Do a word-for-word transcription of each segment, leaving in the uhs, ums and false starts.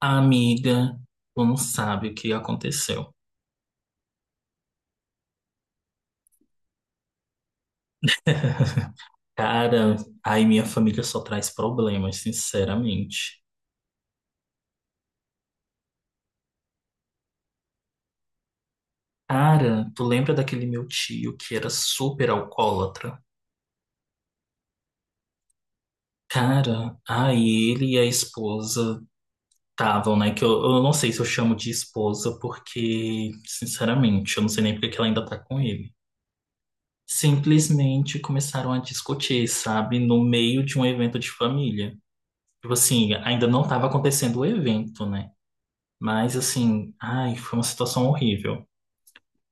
Amiga, tu não sabe o que aconteceu. Cara, aí minha família só traz problemas, sinceramente. Cara, tu lembra daquele meu tio que era super alcoólatra? Cara, aí ele e a esposa estavam, né? Que eu, eu não sei se eu chamo de esposa, porque, sinceramente, eu não sei nem porque que ela ainda tá com ele. Simplesmente começaram a discutir, sabe? No meio de um evento de família. Tipo assim, ainda não estava acontecendo o evento, né? Mas assim, ai, foi uma situação horrível.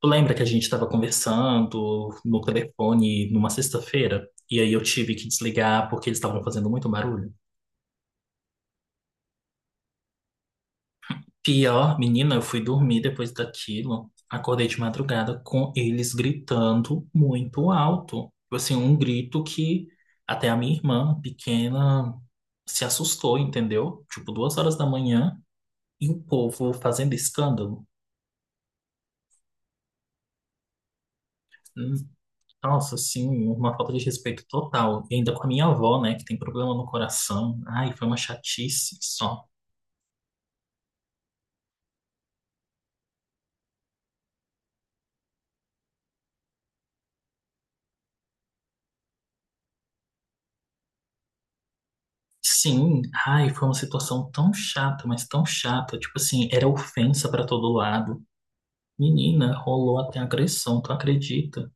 Tu lembra que a gente estava conversando no telefone numa sexta-feira? E aí eu tive que desligar porque eles estavam fazendo muito barulho. Pior, menina, eu fui dormir depois daquilo. Acordei de madrugada com eles gritando muito alto. Tipo assim, um grito que até a minha irmã pequena se assustou, entendeu? Tipo, duas horas da manhã e o povo fazendo escândalo. Nossa, sim, uma falta de respeito total. E ainda com a minha avó, né, que tem problema no coração. Ai, foi uma chatice só. Sim, ai, foi uma situação tão chata, mas tão chata. Tipo assim, era ofensa pra todo lado. Menina, rolou até agressão, tu acredita?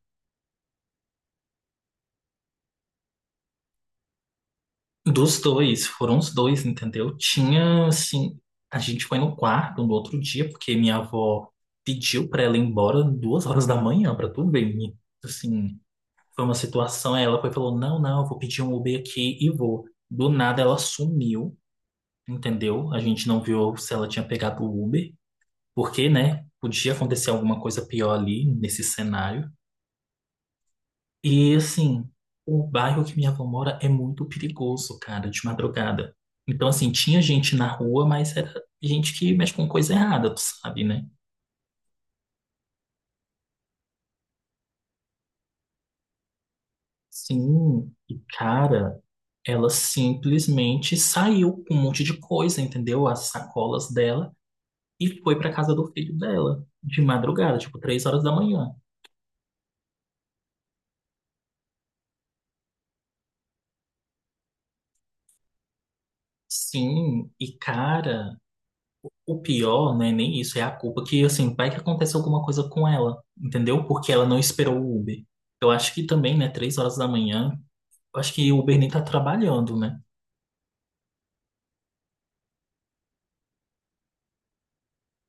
Dos dois, foram os dois, entendeu? Tinha, assim, a gente foi no quarto no outro dia, porque minha avó pediu pra ela ir embora duas horas da manhã, pra tu ver, menina. Assim. Foi uma situação, aí ela foi e falou: Não, não, eu vou pedir um Uber aqui e vou. Do nada ela sumiu, entendeu? A gente não viu se ela tinha pegado o Uber, porque, né, podia acontecer alguma coisa pior ali nesse cenário. E assim, o bairro que minha avó mora é muito perigoso, cara, de madrugada. Então, assim, tinha gente na rua, mas era gente que mexe com coisa errada, tu sabe, né? Sim, e cara, ela simplesmente saiu com um monte de coisa, entendeu? As sacolas dela. E foi pra casa do filho dela, de madrugada, tipo, três horas da manhã. Sim, e cara, o pior não é nem isso, é a culpa que, assim, vai que acontece alguma coisa com ela, entendeu? Porque ela não esperou o Uber. Eu acho que também, né, três horas da manhã, eu acho que o Uber nem tá trabalhando, né?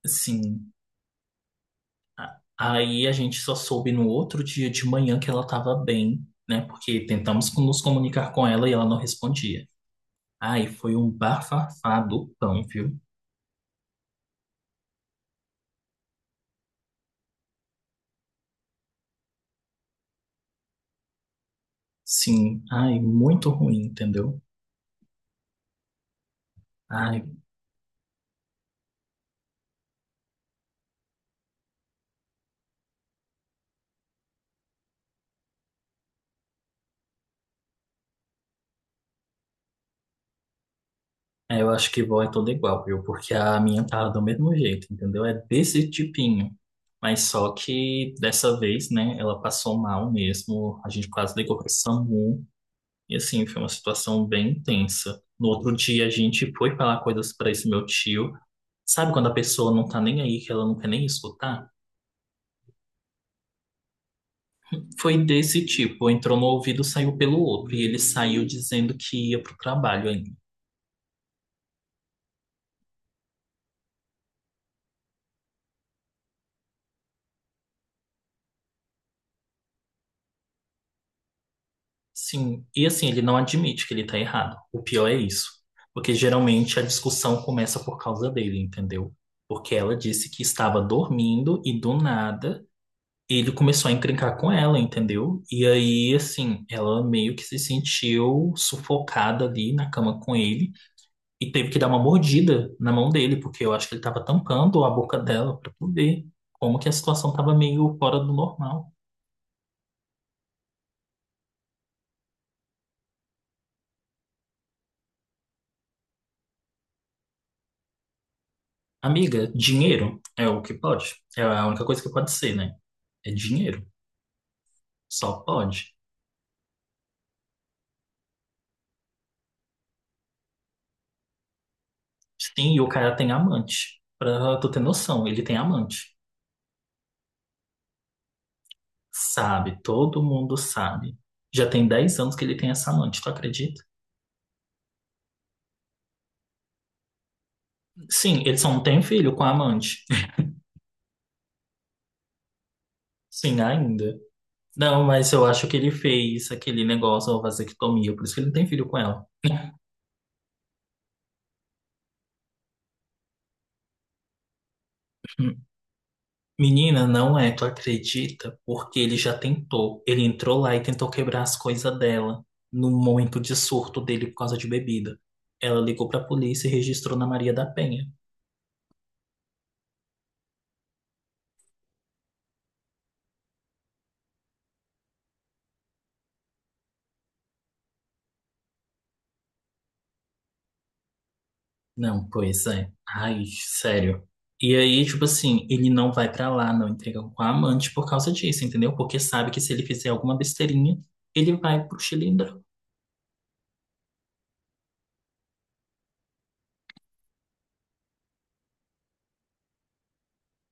Assim, a- aí a gente só soube no outro dia de manhã que ela estava bem, né? Porque tentamos com- nos comunicar com ela e ela não respondia. Ai, foi um bafafá do pão, viu? Sim, ai, muito ruim, entendeu? Ai, é, eu acho que vó é toda igual, viu? Porque a minha tá do mesmo jeito, entendeu? É desse tipinho. Mas só que dessa vez, né, ela passou mal mesmo, a gente quase ligou pro SAMU, e assim, foi uma situação bem intensa. No outro dia, a gente foi falar coisas pra esse meu tio. Sabe quando a pessoa não tá nem aí, que ela não quer nem escutar? Foi desse tipo, entrou no ouvido, saiu pelo outro, e ele saiu dizendo que ia pro trabalho ainda. Sim, e assim, ele não admite que ele tá errado. O pior é isso. Porque geralmente a discussão começa por causa dele, entendeu? Porque ela disse que estava dormindo e do nada ele começou a encrencar com ela, entendeu? E aí, assim, ela meio que se sentiu sufocada ali na cama com ele e teve que dar uma mordida na mão dele, porque eu acho que ele tava tampando a boca dela pra poder. Como que a situação tava meio fora do normal. Amiga, dinheiro é o que pode. É a única coisa que pode ser, né? É dinheiro. Só pode. Sim, e o cara tem amante. Pra tu ter noção, ele tem amante. Sabe, todo mundo sabe. Já tem dez anos que ele tem essa amante, tu acredita? Sim, ele só não tem filho com a amante. Sim, ainda. Não, mas eu acho que ele fez aquele negócio, a vasectomia, por isso que ele não tem filho com ela. Menina, não é, tu acredita? Porque ele já tentou. Ele entrou lá e tentou quebrar as coisas dela no momento de surto dele por causa de bebida. Ela ligou pra polícia e registrou na Maria da Penha. Não, pois é. Ai, sério. E aí, tipo assim, ele não vai pra lá, não entrega com a amante por causa disso, entendeu? Porque sabe que se ele fizer alguma besteirinha, ele vai pro Chile.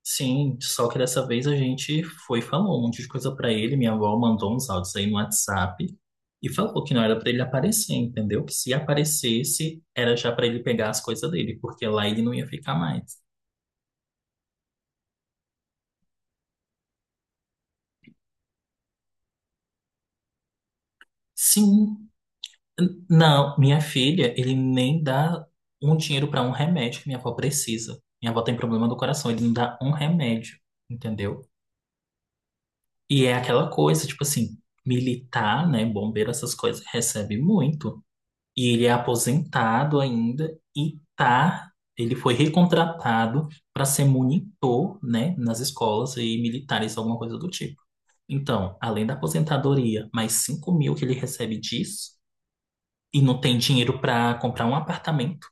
Sim, só que dessa vez a gente foi e falou um monte de coisa pra ele. Minha avó mandou uns áudios aí no WhatsApp e falou que não era pra ele aparecer, entendeu? Que se aparecesse, era já pra ele pegar as coisas dele, porque lá ele não ia ficar mais. Sim, n- não, minha filha, ele nem dá um dinheiro pra um remédio que minha avó precisa. Minha avó tem problema do coração, ele não dá um remédio, entendeu? E é aquela coisa, tipo assim, militar, né, bombeiro, essas coisas, recebe muito. E ele é aposentado ainda e tá, ele foi recontratado para ser monitor, né, nas escolas e militares, alguma coisa do tipo. Então, além da aposentadoria, mais cinco mil que ele recebe disso, e não tem dinheiro para comprar um apartamento,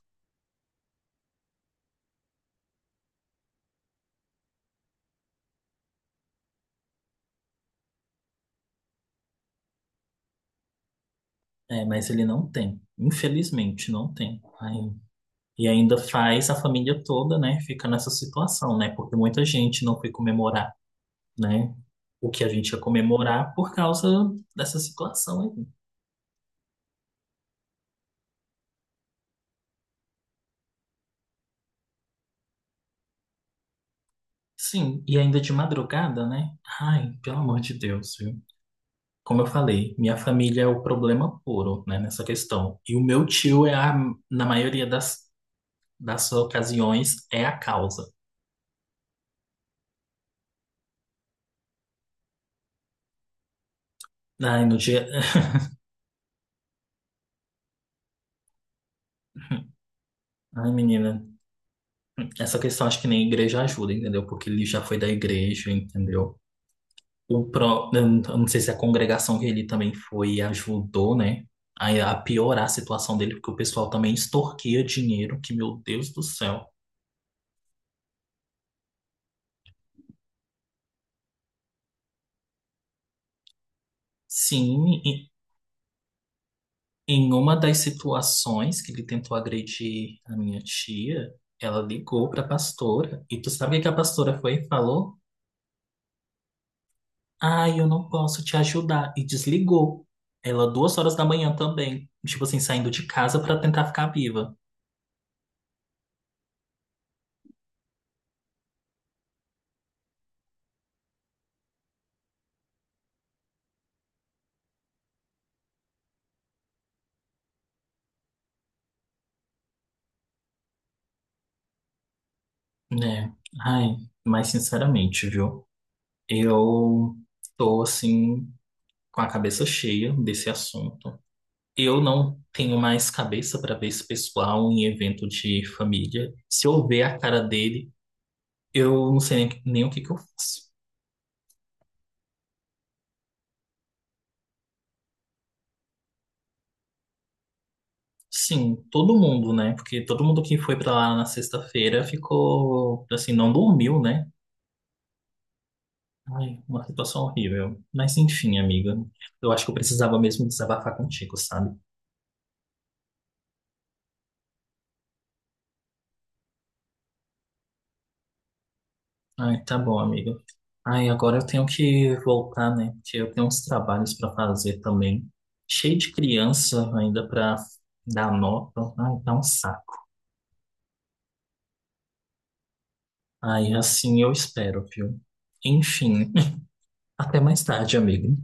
é, mas ele não tem, infelizmente não tem. Aí- e ainda faz a família toda, né, fica nessa situação, né, porque muita gente não foi comemorar, né, o que a gente ia comemorar por causa dessa situação. Sim, e ainda de madrugada, né? Ai, pelo amor de Deus, viu? Como eu falei, minha família é o problema puro, né, nessa questão. E o meu tio é a, na maioria das, das ocasiões, é a causa. Ai, no dia. Ai, menina, essa questão acho que nem a igreja ajuda, entendeu? Porque ele já foi da igreja, entendeu? O pró, eu não eu não sei se a congregação que ele também foi ajudou, né? A, a piorar a situação dele, porque o pessoal também extorquia dinheiro, que meu Deus do céu. Sim. Em uma das situações que ele tentou agredir a minha tia, ela ligou para a pastora. E tu sabe o que a pastora foi e falou? Ah, eu não posso te ajudar. E desligou. Ela, duas horas da manhã também. Tipo assim, saindo de casa para tentar ficar viva. Né? Ai, mas sinceramente, viu? Eu tô assim, com a cabeça cheia desse assunto. Eu não tenho mais cabeça para ver esse pessoal em evento de família. Se eu ver a cara dele. Eu não sei nem, nem o que que eu faço. Sim, todo mundo, né? Porque todo mundo que foi pra lá na sexta-feira ficou, assim, não dormiu, né? Ai, uma situação horrível. Mas enfim, amiga. Eu acho que eu precisava mesmo desabafar contigo, sabe? Ai, tá bom, amiga. Ai, agora eu tenho que voltar, né? Porque eu tenho uns trabalhos pra fazer também. Cheio de criança ainda pra dar nota. Ai, tá um saco. Ai, assim eu espero, viu? Enfim, até mais tarde, amigo.